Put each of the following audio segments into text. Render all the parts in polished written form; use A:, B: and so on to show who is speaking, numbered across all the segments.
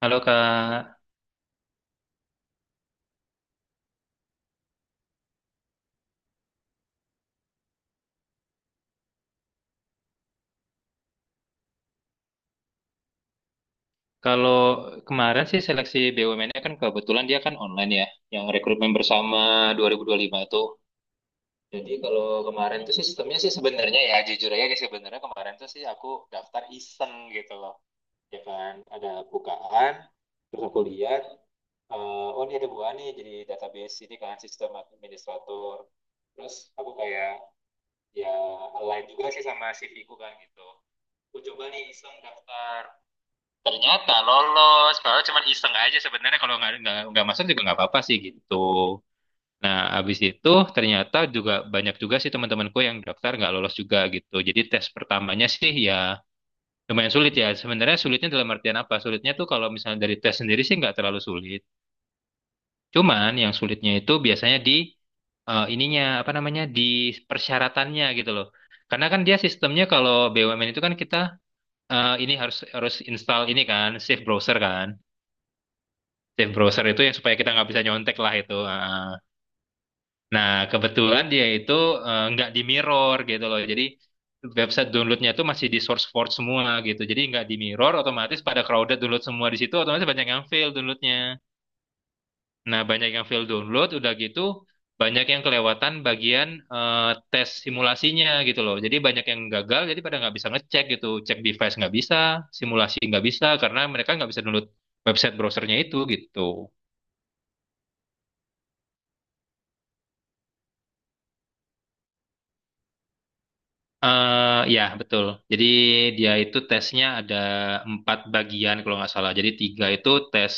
A: Halo Kak, kalau kemarin sih seleksi BUMN-nya kan kebetulan dia kan online ya, yang rekrutmen bersama 2025 tuh. Jadi kalau kemarin tuh sih sistemnya sih sebenarnya ya jujur aja sih sebenarnya kemarin tuh sih aku daftar iseng gitu loh. Ya kan ada bukaan, terus aku lihat, oh ini ada bukaan nih jadi database ini kan sistem administrator. Terus aku kayak ya align juga sih sama CV ku kan gitu. Aku coba nih iseng daftar. Ternyata lolos padahal cuma iseng aja sebenarnya kalau nggak masuk juga nggak apa-apa sih gitu. Nah abis itu ternyata juga banyak juga sih teman-temanku yang daftar nggak lolos juga gitu. Jadi tes pertamanya sih ya lumayan sulit ya sebenarnya. Sulitnya dalam artian apa? Sulitnya tuh kalau misalnya dari tes sendiri sih nggak terlalu sulit, cuman yang sulitnya itu biasanya di ininya apa namanya di persyaratannya gitu loh. Karena kan dia sistemnya kalau BUMN itu kan kita ini harus harus install ini kan Safe Browser kan. Tab browser itu yang supaya kita nggak bisa nyontek lah itu. Ah. Nah, kebetulan dia itu nggak di mirror gitu loh. Jadi website downloadnya itu masih di source forge semua gitu. Jadi nggak di mirror, otomatis pada crowded download semua di situ, otomatis banyak yang fail downloadnya. Nah, banyak yang fail download, udah gitu banyak yang kelewatan bagian eh, tes simulasinya gitu loh. Jadi banyak yang gagal, jadi pada nggak bisa ngecek gitu. Cek device nggak bisa, simulasi nggak bisa, karena mereka nggak bisa download website browsernya itu gitu. Ya, betul. Jadi dia itu tesnya ada empat bagian kalau nggak salah. Jadi tiga itu tes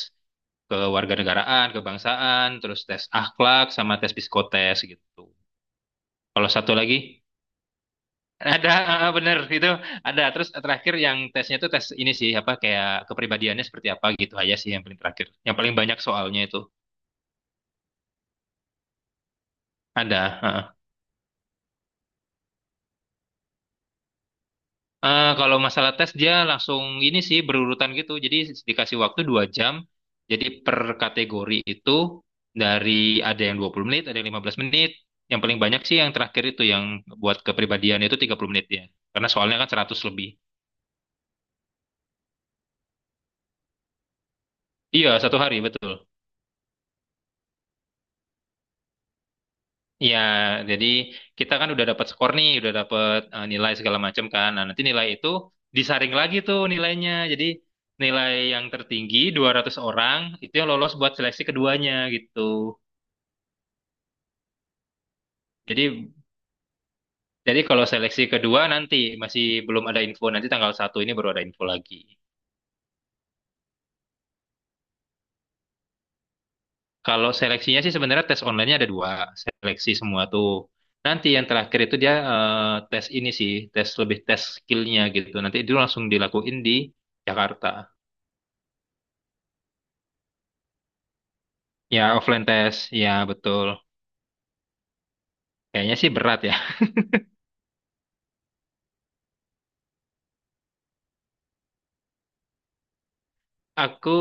A: kewarganegaraan, kebangsaan, terus tes akhlak, sama tes psikotes gitu. Kalau satu lagi, ada, bener itu ada. Terus terakhir yang tesnya itu tes ini sih, apa kayak kepribadiannya seperti apa gitu aja sih yang paling terakhir. Yang paling banyak soalnya itu ada. Kalau masalah tes dia langsung ini sih berurutan gitu. Jadi dikasih waktu 2 jam. Jadi per kategori itu dari ada yang 20 menit, ada yang 15 menit. Yang paling banyak sih yang terakhir itu yang buat kepribadian itu 30 menit ya. Karena soalnya kan 100 lebih. Iya, satu hari betul. Iya, jadi kita kan udah dapat skor nih, udah dapat nilai segala macam kan. Nah, nanti nilai itu disaring lagi tuh nilainya. Jadi nilai yang tertinggi 200 orang itu yang lolos buat seleksi keduanya gitu. Jadi jadi kalau seleksi kedua nanti masih belum ada info, nanti tanggal 1 ini baru ada info lagi. Kalau seleksinya sih sebenarnya tes online-nya ada dua, seleksi semua tuh. Nanti yang terakhir itu dia tes ini sih, tes lebih tes skillnya gitu. Nanti itu langsung dilakuin di Jakarta. Ya offline tes, ya betul. Kayaknya sih berat ya. Aku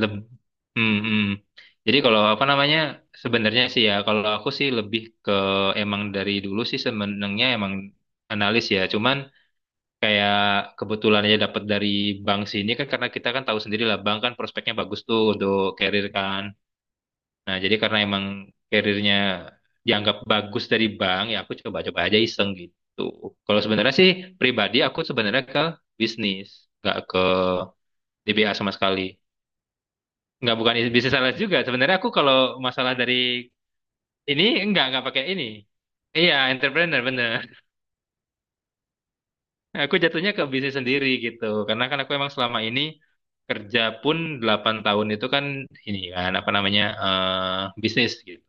A: Leb hmm, hmm. Jadi kalau apa namanya sebenarnya sih ya kalau aku sih lebih ke emang dari dulu sih sebenarnya emang analis ya. Cuman kayak kebetulan aja dapat dari bank sini kan karena kita kan tahu sendiri lah bank kan prospeknya bagus tuh untuk karir kan. Nah jadi karena emang karirnya dianggap bagus dari bank ya aku coba-coba aja iseng gitu. Kalau sebenarnya sih pribadi aku sebenarnya ke bisnis nggak ke DBA sama sekali. Nggak bukan bisnis sales juga. Sebenarnya aku kalau masalah dari ini nggak pakai ini. Iya, entrepreneur bener. Aku jatuhnya ke bisnis sendiri gitu. Karena kan aku emang selama ini kerja pun 8 tahun itu kan ini kan apa namanya bisnis gitu.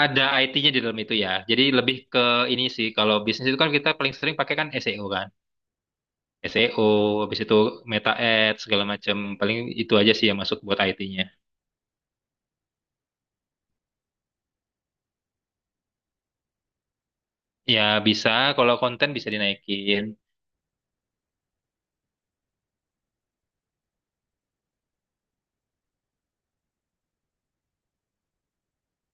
A: Ada IT-nya di dalam itu ya. Jadi lebih ke ini sih kalau bisnis itu kan kita paling sering pakai kan SEO kan. SEO, habis itu Meta Ads segala macam. Paling itu aja sih yang masuk buat IT-nya. Ya bisa kalau konten bisa dinaikin.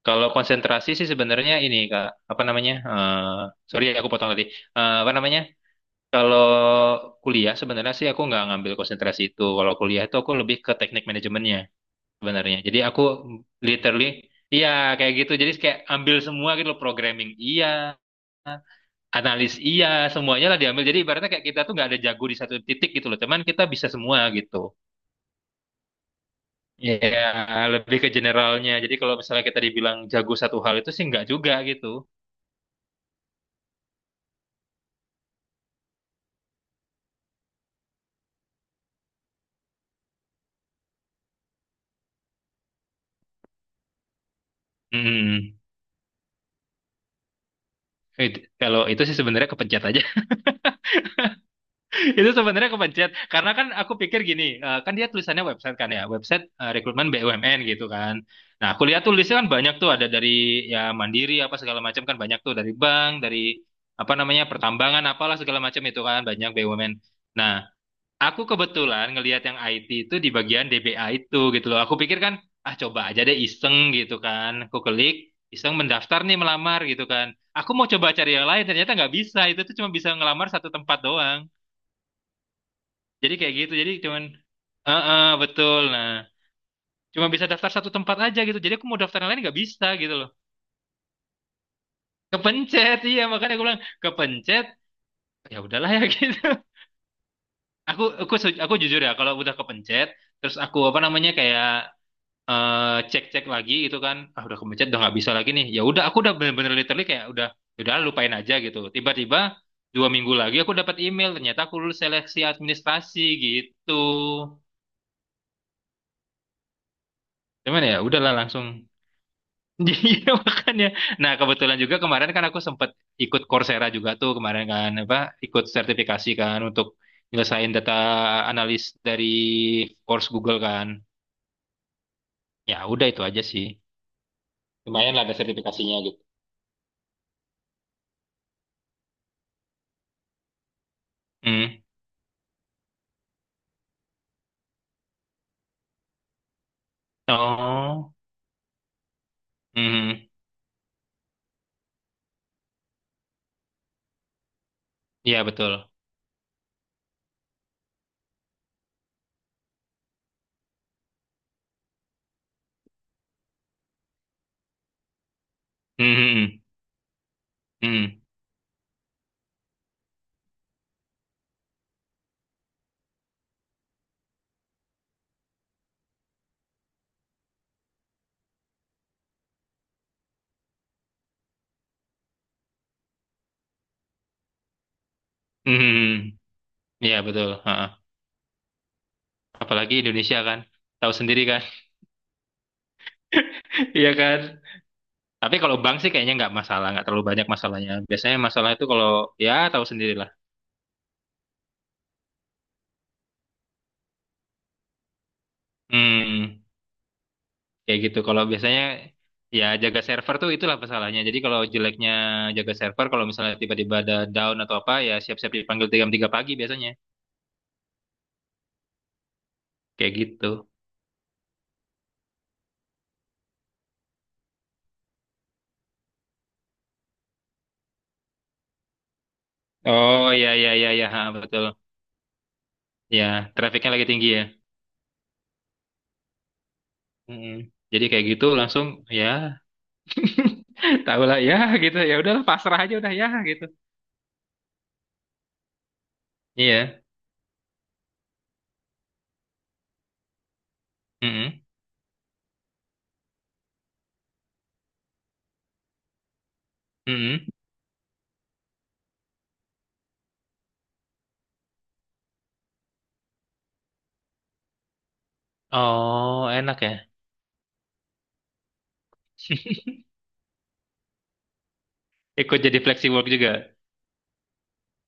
A: Kalau konsentrasi sih sebenarnya ini Kak, apa namanya? Sorry aku potong tadi. Apa namanya? Kalau kuliah sebenarnya sih aku nggak ngambil konsentrasi itu. Kalau kuliah itu aku lebih ke teknik manajemennya sebenarnya. Jadi aku literally iya kayak gitu. Jadi kayak ambil semua gitu loh, programming iya, analis iya, semuanya lah diambil. Jadi ibaratnya kayak kita tuh nggak ada jago di satu titik gitu loh. Cuman kita bisa semua gitu. Iya, lebih ke generalnya. Jadi kalau misalnya kita dibilang jago satu hal itu sih nggak juga gitu. Hmm. Kalau itu sih sebenarnya kepencet aja. Itu sebenarnya kepencet. Karena kan aku pikir gini, kan dia tulisannya website kan ya, website rekrutmen BUMN gitu kan. Nah, aku lihat tulisnya kan banyak tuh ada dari ya Mandiri apa segala macam kan banyak tuh dari bank, dari apa namanya pertambangan apalah segala macam itu kan banyak BUMN. Nah, aku kebetulan ngelihat yang IT itu di bagian DBA itu gitu loh. Aku pikir kan, ah coba aja deh iseng gitu kan. Aku klik, iseng mendaftar nih melamar gitu kan. Aku mau coba cari yang lain, ternyata nggak bisa. Itu tuh cuma bisa ngelamar satu tempat doang. Jadi kayak gitu, jadi cuman, heeh betul. Nah, cuma bisa daftar satu tempat aja gitu. Jadi aku mau daftar yang lain nggak bisa gitu loh. Kepencet, iya makanya aku bilang kepencet. Ya udahlah ya gitu. Aku jujur ya, kalau udah kepencet, terus aku apa namanya kayak cek-cek lagi itu kan ah udah kemencet udah nggak bisa lagi nih ya udah aku udah bener-bener literally kayak udah ya udah lupain aja gitu tiba-tiba 2 minggu lagi aku dapat email ternyata aku lulus seleksi administrasi gitu. Cuman ya udahlah langsung jadi makanya nah kebetulan juga kemarin kan aku sempat ikut Coursera juga tuh kemarin kan apa ikut sertifikasi kan untuk nyelesain data analis dari course Google kan ya udah itu aja sih lumayan lah ada sertifikasinya gitu. Hmm. Oh. Mhm. Iya betul. Mhm. Mhm. Mhm. Iya betul. Ha-ha. Apalagi Indonesia kan, tahu sendiri kan. Iya kan. Tapi kalau bank sih kayaknya nggak masalah, nggak terlalu banyak masalahnya. Biasanya masalah itu kalau ya tahu sendirilah. Hmm, kayak gitu. Kalau biasanya ya jaga server tuh itulah masalahnya. Jadi kalau jeleknya jaga server, kalau misalnya tiba-tiba ada down atau apa, ya siap-siap dipanggil jam 3 pagi biasanya. Kayak gitu. Oh ya ya ya ya Ha, betul. Ya, trafiknya lagi tinggi ya. Mm-mm. Jadi kayak gitu langsung ya tau lah ya gitu ya udahlah pasrah aja udah ya gitu. Iya. Mm-mm. Mm-mm. Oh enak ya. Ikut jadi flexi work juga.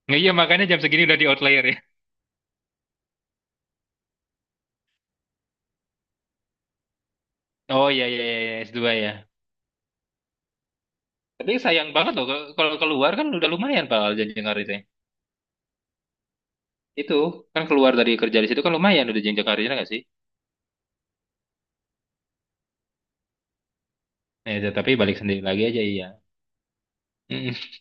A: Nggak iya makanya jam segini udah di outlier ya. Oh iya iya iya S2 ya. Tapi sayang banget loh kalau keluar kan udah lumayan Pak jenjang karirnya. Itu kan keluar dari kerja di situ kan lumayan udah jenjang karirnya nggak sih? Nah, itu, tapi balik sendiri lagi aja iya. Mm-mm.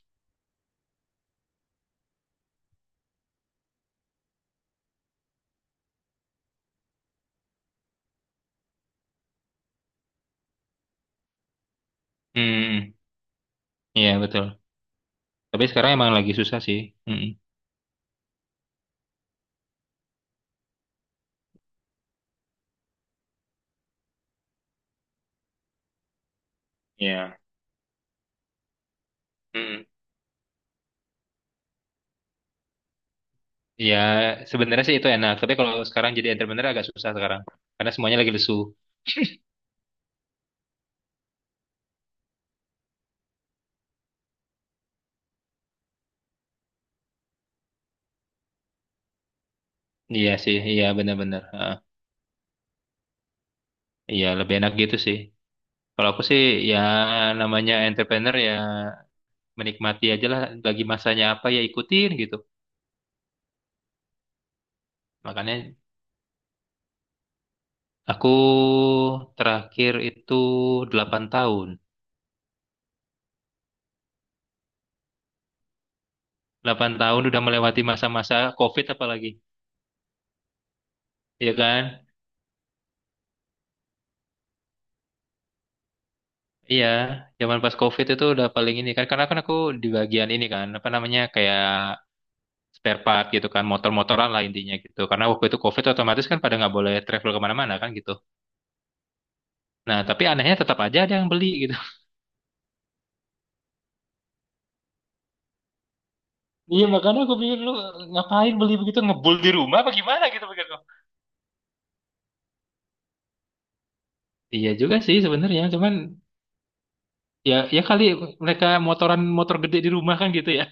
A: Mm-mm. Iya betul. Tapi sekarang emang lagi susah sih. Mm-mm. Iya. Mm-mm. Iya, sebenarnya sih itu enak. Tapi kalau sekarang jadi entrepreneur agak susah sekarang. Karena semuanya lagi lesu. Iya sih, iya benar-benar. Heeh. Iya, lebih enak gitu sih. Kalau aku sih ya namanya entrepreneur ya menikmati aja lah bagi masanya apa ya ikutin gitu. Makanya aku terakhir itu 8 tahun. 8 tahun udah melewati masa-masa COVID apalagi. Iya kan? Iya, zaman pas COVID itu udah paling ini kan karena kan aku di bagian ini kan apa namanya kayak spare part gitu kan motor-motoran lah intinya gitu karena waktu itu COVID otomatis kan pada nggak boleh travel kemana-mana kan gitu. Nah tapi anehnya tetap aja ada yang beli gitu Iya makanya aku pikir lu ngapain beli begitu ngebul di rumah apa gimana gitu pikir gua. Iya juga sih sebenarnya cuman ya ya kali mereka motoran motor gede di rumah kan gitu ya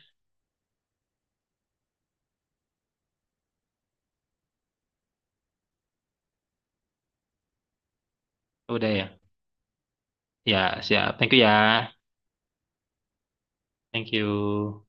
A: udah ya ya siap thank you ya thank you.